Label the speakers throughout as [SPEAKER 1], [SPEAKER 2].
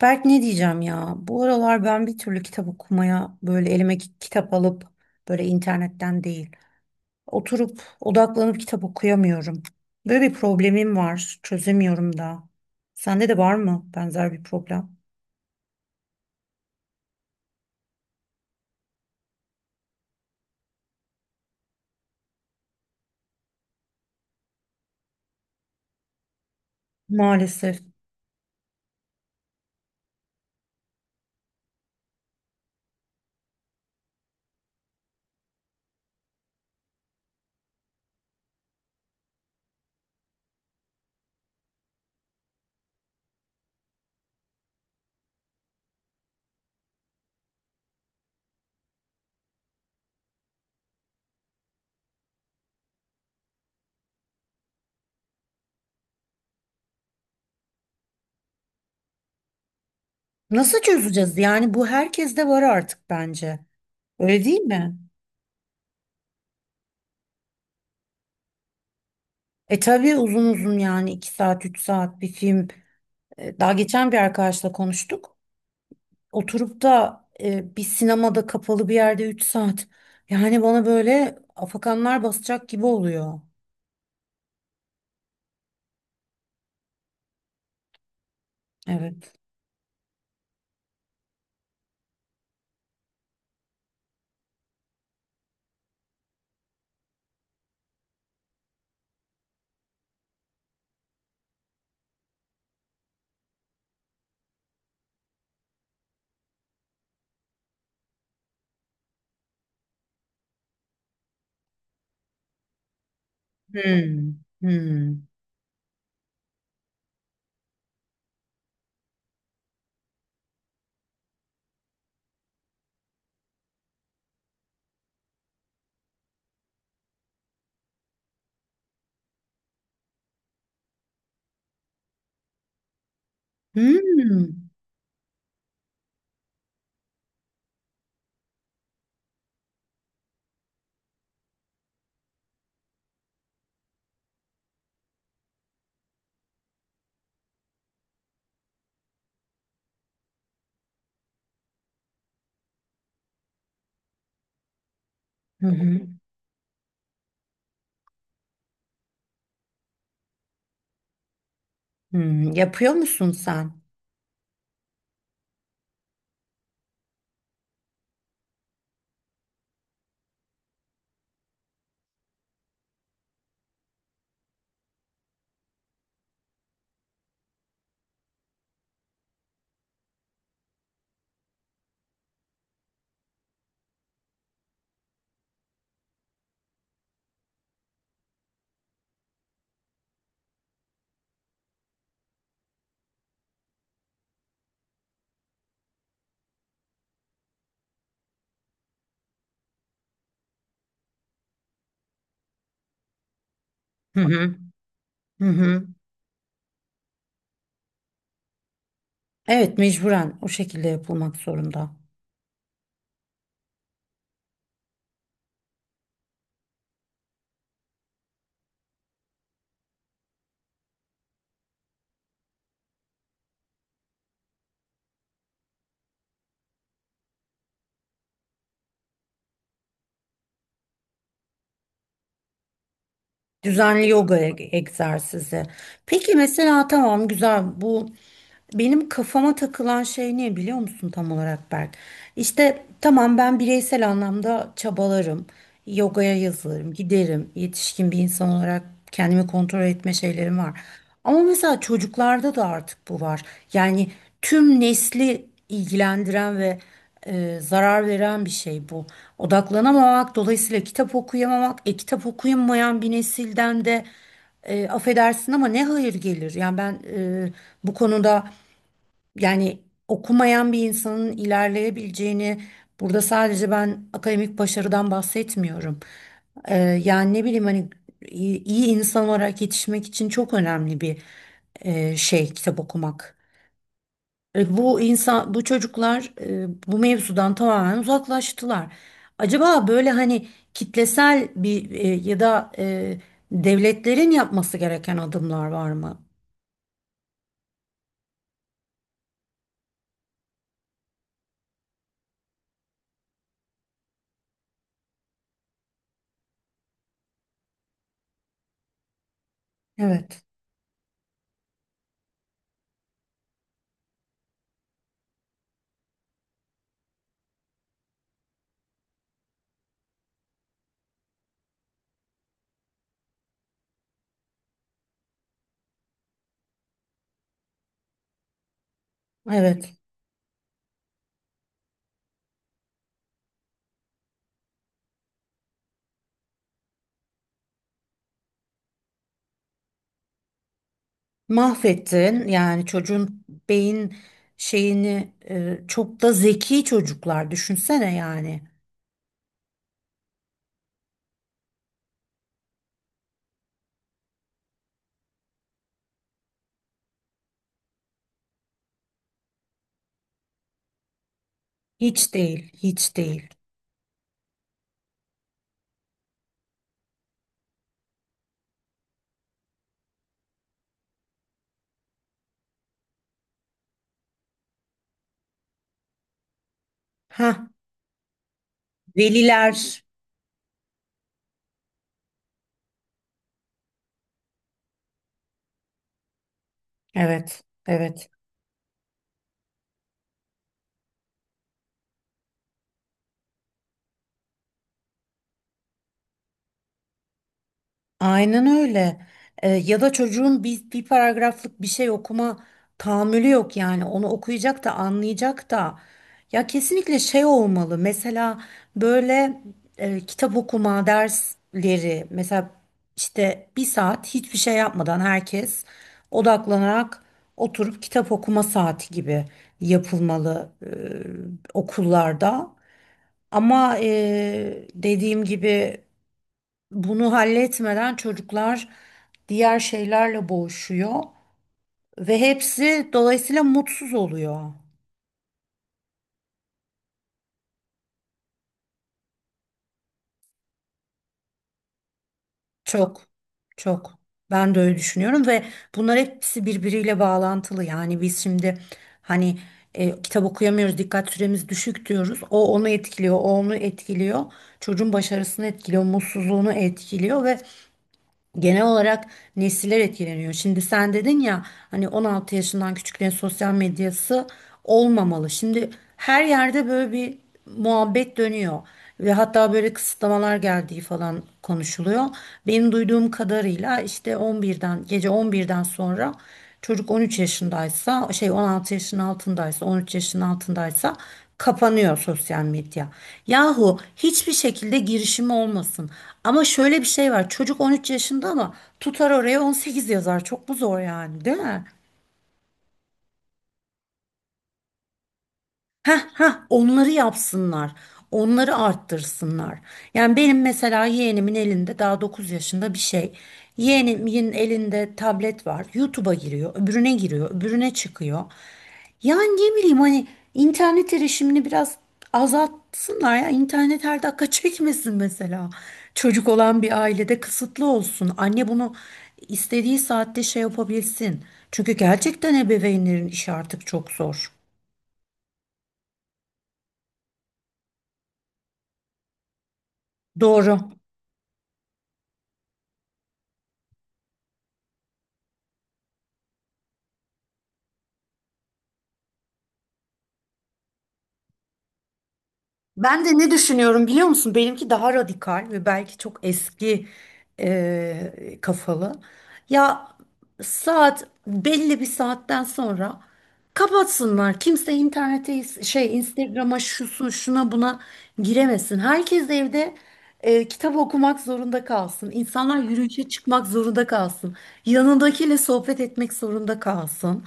[SPEAKER 1] Berk, ne diyeceğim ya? Bu aralar ben bir türlü kitap okumaya böyle elime kitap alıp böyle internetten değil, oturup odaklanıp kitap okuyamıyorum. Böyle bir problemim var. Çözemiyorum da. Sende de var mı benzer bir problem? Maalesef. Nasıl çözeceğiz? Yani bu herkeste var artık bence. Öyle değil mi? E tabii uzun uzun, yani 2 saat 3 saat bir film. Daha geçen bir arkadaşla konuştuk. Oturup da bir sinemada kapalı bir yerde 3 saat. Yani bana böyle afakanlar basacak gibi oluyor. Evet. Hmm. Hmm. Hmm. Hı hı. Hmm. Yapıyor musun sen? Hı hı. Hı hı. Evet, mecburen o şekilde yapılmak zorunda. Düzenli yoga egzersizi. Peki mesela, tamam, güzel bu, benim kafama takılan şey ne biliyor musun tam olarak Berk? İşte tamam, ben bireysel anlamda çabalarım. Yogaya yazılırım, giderim. Yetişkin bir insan olarak kendimi kontrol etme şeylerim var. Ama mesela çocuklarda da artık bu var. Yani tüm nesli ilgilendiren ve zarar veren bir şey bu. Odaklanamamak, dolayısıyla kitap okuyamamak, kitap okuyamayan bir nesilden de, affedersin ama, ne hayır gelir? Yani ben, bu konuda, yani okumayan bir insanın ilerleyebileceğini, burada sadece ben akademik başarıdan bahsetmiyorum. Yani ne bileyim, hani iyi insan olarak yetişmek için çok önemli bir şey kitap okumak. Bu insan, bu çocuklar bu mevzudan tamamen uzaklaştılar. Acaba böyle hani kitlesel bir ya da devletlerin yapması gereken adımlar var mı? Evet, evet. Mahvettin yani çocuğun beyin şeyini, çok da zeki çocuklar düşünsene yani. Hiç değil, hiç değil. Ha, veliler. Evet, evet. Aynen öyle. Ya da çocuğun bir paragraflık bir şey okuma tahammülü yok yani. Onu okuyacak da anlayacak da. Ya kesinlikle şey olmalı. Mesela böyle kitap okuma dersleri mesela, işte bir saat hiçbir şey yapmadan herkes odaklanarak oturup kitap okuma saati gibi yapılmalı okullarda. Ama, dediğim gibi, bunu halletmeden çocuklar diğer şeylerle boğuşuyor ve hepsi dolayısıyla mutsuz oluyor. Çok, çok. Ben de öyle düşünüyorum ve bunlar hepsi birbiriyle bağlantılı. Yani biz şimdi hani kitap okuyamıyoruz, dikkat süremiz düşük diyoruz. O onu etkiliyor, o onu etkiliyor. Çocuğun başarısını etkiliyor, mutsuzluğunu etkiliyor ve genel olarak nesiller etkileniyor. Şimdi sen dedin ya, hani 16 yaşından küçüklerin sosyal medyası olmamalı. Şimdi her yerde böyle bir muhabbet dönüyor ve hatta böyle kısıtlamalar geldiği falan konuşuluyor. Benim duyduğum kadarıyla işte 11'den gece 11'den sonra, çocuk 13 yaşındaysa, şey, 16 yaşın altındaysa 13 yaşın altındaysa kapanıyor sosyal medya. Yahu hiçbir şekilde girişimi olmasın. Ama şöyle bir şey var: çocuk 13 yaşında ama tutar oraya 18 yazar. Çok mu zor yani, değil mi? Heh, heh, onları yapsınlar. Onları arttırsınlar. Yani benim mesela yeğenimin elinde daha 9 yaşında bir şey. Yeğenimin elinde tablet var. YouTube'a giriyor, öbürüne giriyor, öbürüne çıkıyor. Yani ne bileyim, hani internet erişimini biraz azaltsınlar ya. İnternet her dakika çekmesin mesela. Çocuk olan bir ailede kısıtlı olsun. Anne bunu istediği saatte şey yapabilsin. Çünkü gerçekten ebeveynlerin işi artık çok zor. Doğru. Ben de ne düşünüyorum biliyor musun? Benimki daha radikal ve belki çok eski kafalı. Ya, saat belli bir saatten sonra kapatsınlar. Kimse internete, şey, Instagram'a, şusun şuna buna giremesin. Herkes evde kitap okumak zorunda kalsın. İnsanlar yürüyüşe çıkmak zorunda kalsın. Yanındakiyle sohbet etmek zorunda kalsın.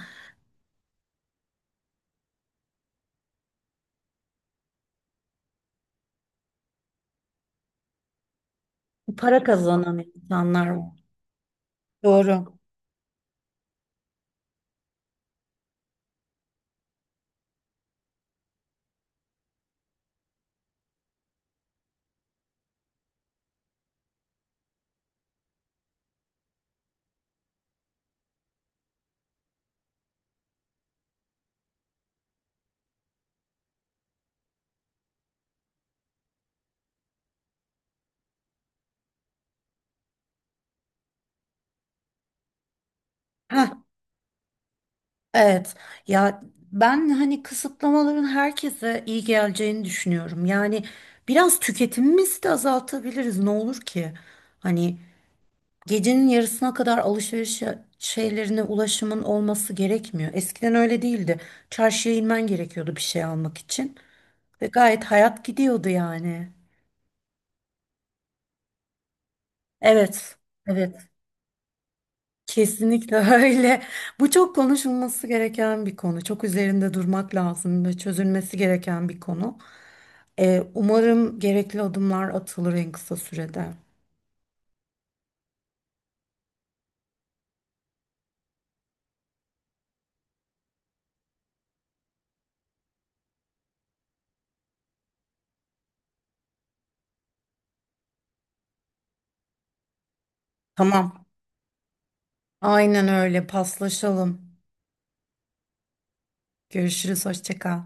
[SPEAKER 1] Para kazanan insanlar var. Doğru. Heh, evet ya, ben hani kısıtlamaların herkese iyi geleceğini düşünüyorum. Yani biraz tüketimimizi de azaltabiliriz, ne olur ki? Hani gecenin yarısına kadar alışveriş şeylerine ulaşımın olması gerekmiyor. Eskiden öyle değildi. Çarşıya inmen gerekiyordu bir şey almak için ve gayet hayat gidiyordu yani. Evet, evet. Kesinlikle öyle. Bu çok konuşulması gereken bir konu. Çok üzerinde durmak lazım ve çözülmesi gereken bir konu. Umarım gerekli adımlar atılır en kısa sürede. Tamam. Aynen öyle. Paslaşalım. Görüşürüz. Hoşça kal.